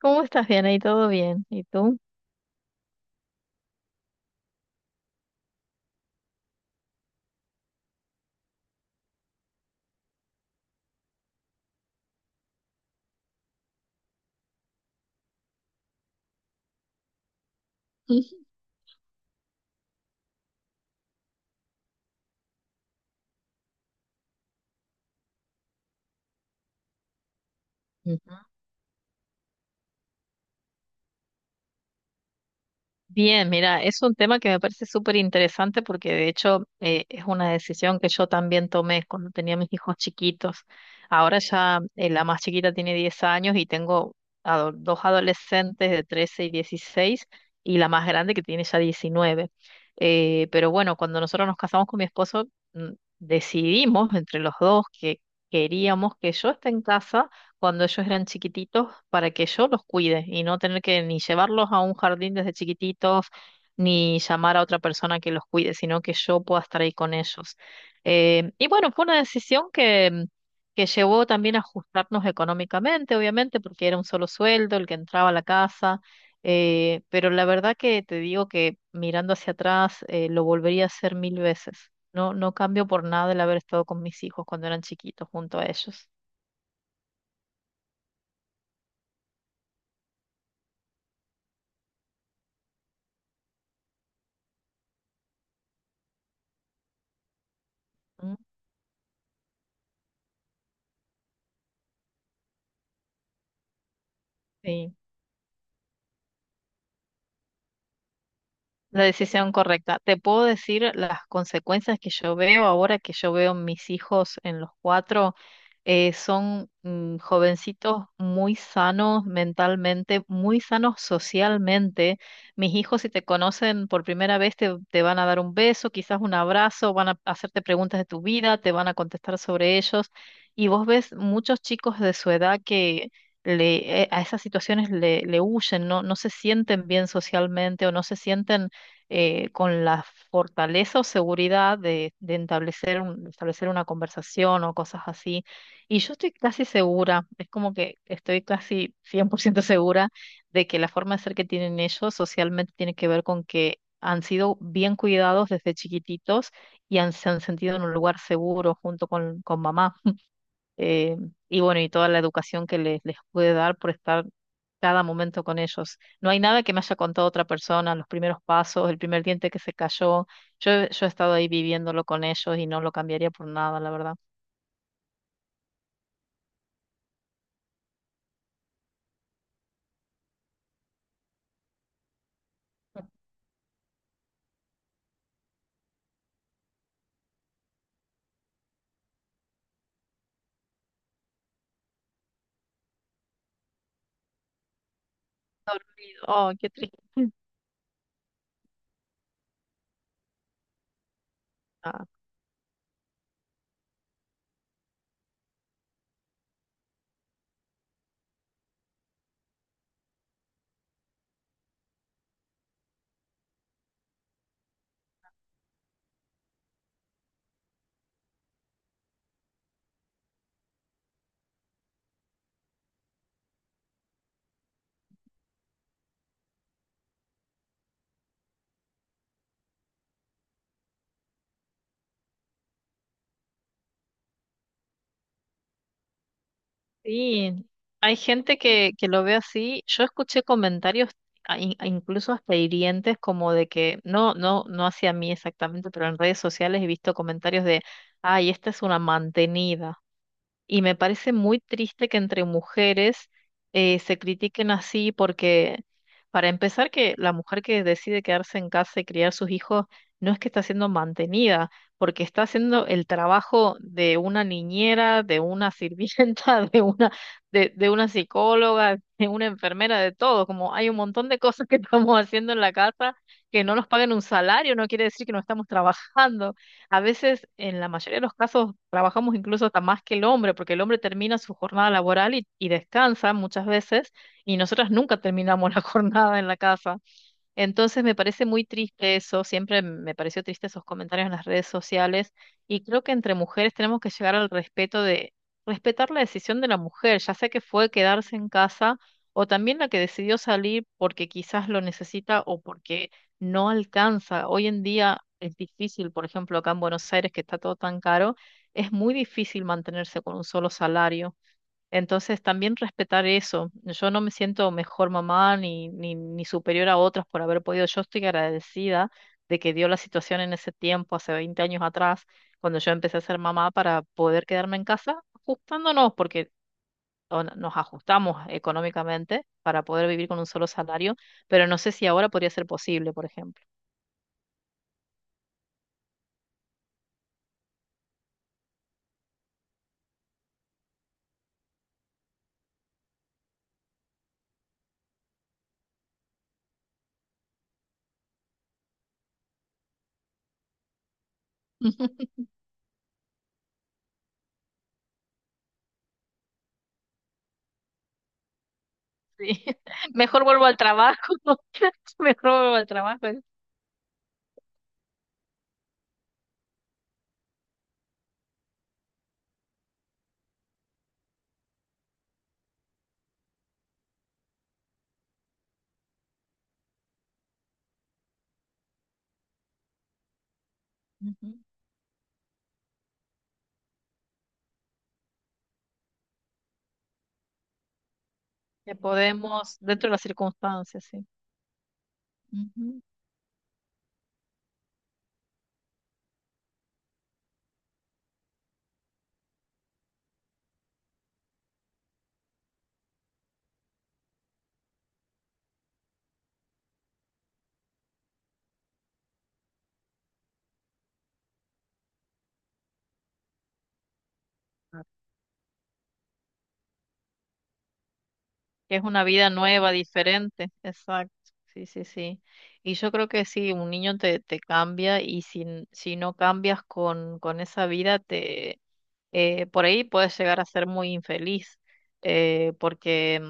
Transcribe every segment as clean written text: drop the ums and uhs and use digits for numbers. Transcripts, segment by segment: ¿Cómo estás? Bien, ahí todo bien. ¿Y tú? Ujú. Bien, mira, es un tema que me parece súper interesante porque de hecho es una decisión que yo también tomé cuando tenía mis hijos chiquitos. Ahora ya la más chiquita tiene 10 años y tengo dos adolescentes de 13 y 16, y la más grande que tiene ya 19. Pero bueno, cuando nosotros nos casamos con mi esposo, mm, decidimos entre los dos que queríamos que yo esté en casa cuando ellos eran chiquititos, para que yo los cuide y no tener que ni llevarlos a un jardín desde chiquititos ni llamar a otra persona que los cuide, sino que yo pueda estar ahí con ellos. Y bueno, fue una decisión que llevó también a ajustarnos económicamente, obviamente, porque era un solo sueldo el que entraba a la casa. Pero la verdad que te digo que, mirando hacia atrás, lo volvería a hacer mil veces. No, no cambio por nada el haber estado con mis hijos cuando eran chiquitos junto a ellos. Mm. Sí. La decisión correcta. Te puedo decir las consecuencias que yo veo ahora, que yo veo mis hijos en los cuatro. Son jovencitos muy sanos mentalmente, muy sanos socialmente. Mis hijos, si te conocen por primera vez, te van a dar un beso, quizás un abrazo, van a hacerte preguntas de tu vida, te van a contestar sobre ellos. Y vos ves muchos chicos de su edad que a esas situaciones le huyen, no se sienten bien socialmente, o no se sienten con la fortaleza o seguridad de establecer una conversación o cosas así. Y yo estoy casi segura, es como que estoy casi 100% segura, de que la forma de ser que tienen ellos socialmente tiene que ver con que han sido bien cuidados desde chiquititos y se han sentido en un lugar seguro junto con mamá. Eh, y bueno, y toda la educación que les pude dar por estar cada momento con ellos. No hay nada que me haya contado otra persona, los primeros pasos, el primer diente que se cayó. Yo he estado ahí viviéndolo con ellos, y no lo cambiaría por nada, la verdad. Dormido. Oh, qué triste. Ah, sí, hay gente que lo ve así. Yo escuché comentarios a- in- a incluso hasta hirientes, como de que no, no, no, hacia mí exactamente, pero en redes sociales he visto comentarios de: ay, esta es una mantenida. Y me parece muy triste que entre mujeres se critiquen así, porque, para empezar, que la mujer que decide quedarse en casa y criar sus hijos no es que está siendo mantenida, porque está haciendo el trabajo de una niñera, de una sirvienta, de una, de una psicóloga, de una enfermera, de todo. Como hay un montón de cosas que estamos haciendo en la casa que no nos pagan un salario, no quiere decir que no estamos trabajando. A veces, en la mayoría de los casos, trabajamos incluso hasta más que el hombre, porque el hombre termina su jornada laboral y descansa muchas veces, y nosotras nunca terminamos la jornada en la casa. Entonces, me parece muy triste eso. Siempre me pareció triste esos comentarios en las redes sociales, y creo que entre mujeres tenemos que llegar al respeto de respetar la decisión de la mujer, ya sea que fue quedarse en casa, o también la que decidió salir porque quizás lo necesita o porque no alcanza. Hoy en día es difícil, por ejemplo, acá en Buenos Aires, que está todo tan caro, es muy difícil mantenerse con un solo salario. Entonces, también respetar eso. Yo no me siento mejor mamá ni superior a otras por haber podido. Yo estoy agradecida de que dio la situación en ese tiempo, hace 20 años atrás, cuando yo empecé a ser mamá, para poder quedarme en casa, ajustándonos, porque o no- nos ajustamos económicamente para poder vivir con un solo salario, pero no sé si ahora podría ser posible, por ejemplo. Sí. Mejor vuelvo al trabajo, mejor vuelvo al trabajo. Ujú. Que podemos, dentro de las circunstancias, sí. Ujú. Que es una vida nueva, diferente. Exacto. Sí, sí, sí. Y yo creo que sí, un niño te cambia, y si no cambias con esa vida, por ahí puedes llegar a ser muy infeliz, porque.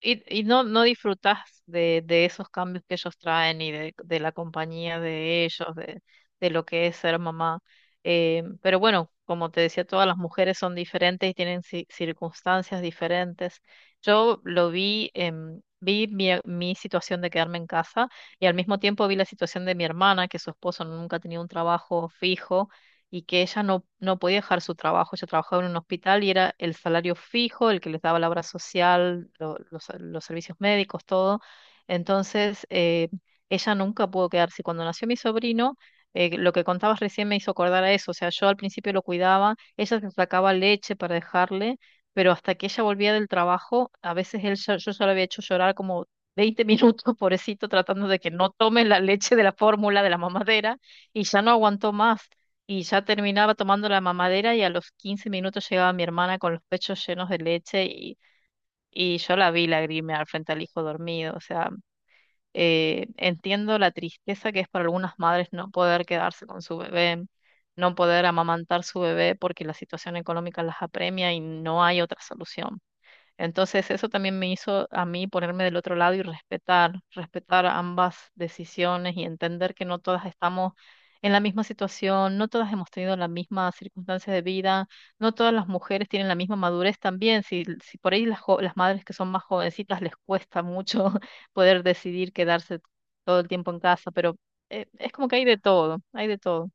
Y no disfrutas de esos cambios que ellos traen, y de la compañía de ellos, de lo que es ser mamá. Pero bueno, como te decía, todas las mujeres son diferentes y tienen circunstancias diferentes. Yo lo vi, vi mi situación de quedarme en casa, y al mismo tiempo vi la situación de mi hermana, que su esposo nunca tenía un trabajo fijo y que ella no podía dejar su trabajo. Ella trabajaba en un hospital, y era el salario fijo el que les daba la obra social, los servicios médicos, todo. Entonces, ella nunca pudo quedarse. Cuando nació mi sobrino, lo que contabas recién me hizo acordar a eso. O sea, yo al principio lo cuidaba, ella se sacaba leche para dejarle, pero hasta que ella volvía del trabajo, a veces yo ya lo había hecho llorar como 20 minutos, pobrecito, tratando de que no tome la leche de la fórmula de la mamadera, y ya no aguantó más. Y ya terminaba tomando la mamadera, y a los 15 minutos llegaba mi hermana con los pechos llenos de leche, y yo la vi lagrimear frente al hijo dormido. O sea, entiendo la tristeza que es para algunas madres no poder quedarse con su bebé, no poder amamantar su bebé porque la situación económica las apremia y no hay otra solución. Entonces, eso también me hizo a mí ponerme del otro lado y respetar, respetar ambas decisiones, y entender que no todas estamos en la misma situación, no todas hemos tenido las mismas circunstancias de vida, no todas las mujeres tienen la misma madurez también. Si por ahí las madres que son más jovencitas, les cuesta mucho poder decidir quedarse todo el tiempo en casa, pero es como que hay de todo, hay de todo.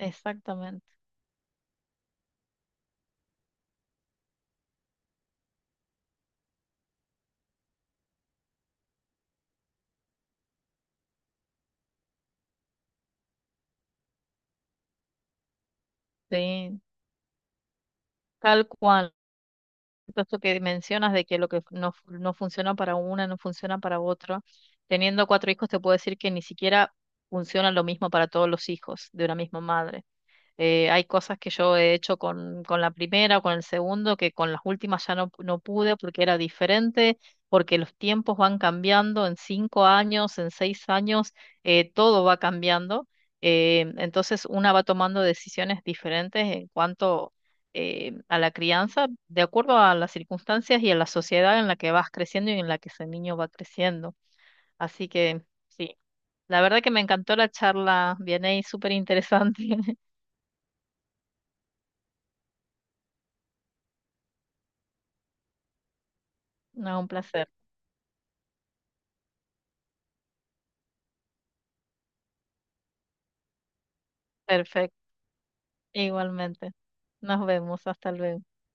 Exactamente. Sí, tal cual. Esto que mencionas, de que lo que no, no funciona para una, no funciona para otro. Teniendo cuatro hijos, te puedo decir que ni siquiera funciona lo mismo para todos los hijos de una misma madre. Hay cosas que yo he hecho con la primera o con el segundo, que con las últimas ya no pude, porque era diferente, porque los tiempos van cambiando, en 5 años, en 6 años, todo va cambiando. Entonces una va tomando decisiones diferentes en cuanto a la crianza, de acuerdo a las circunstancias y a la sociedad en la que vas creciendo y en la que ese niño va creciendo. Así que sí, la verdad que me encantó la charla, viene súper interesante. No, un placer. Perfecto, igualmente. Nos vemos, hasta luego.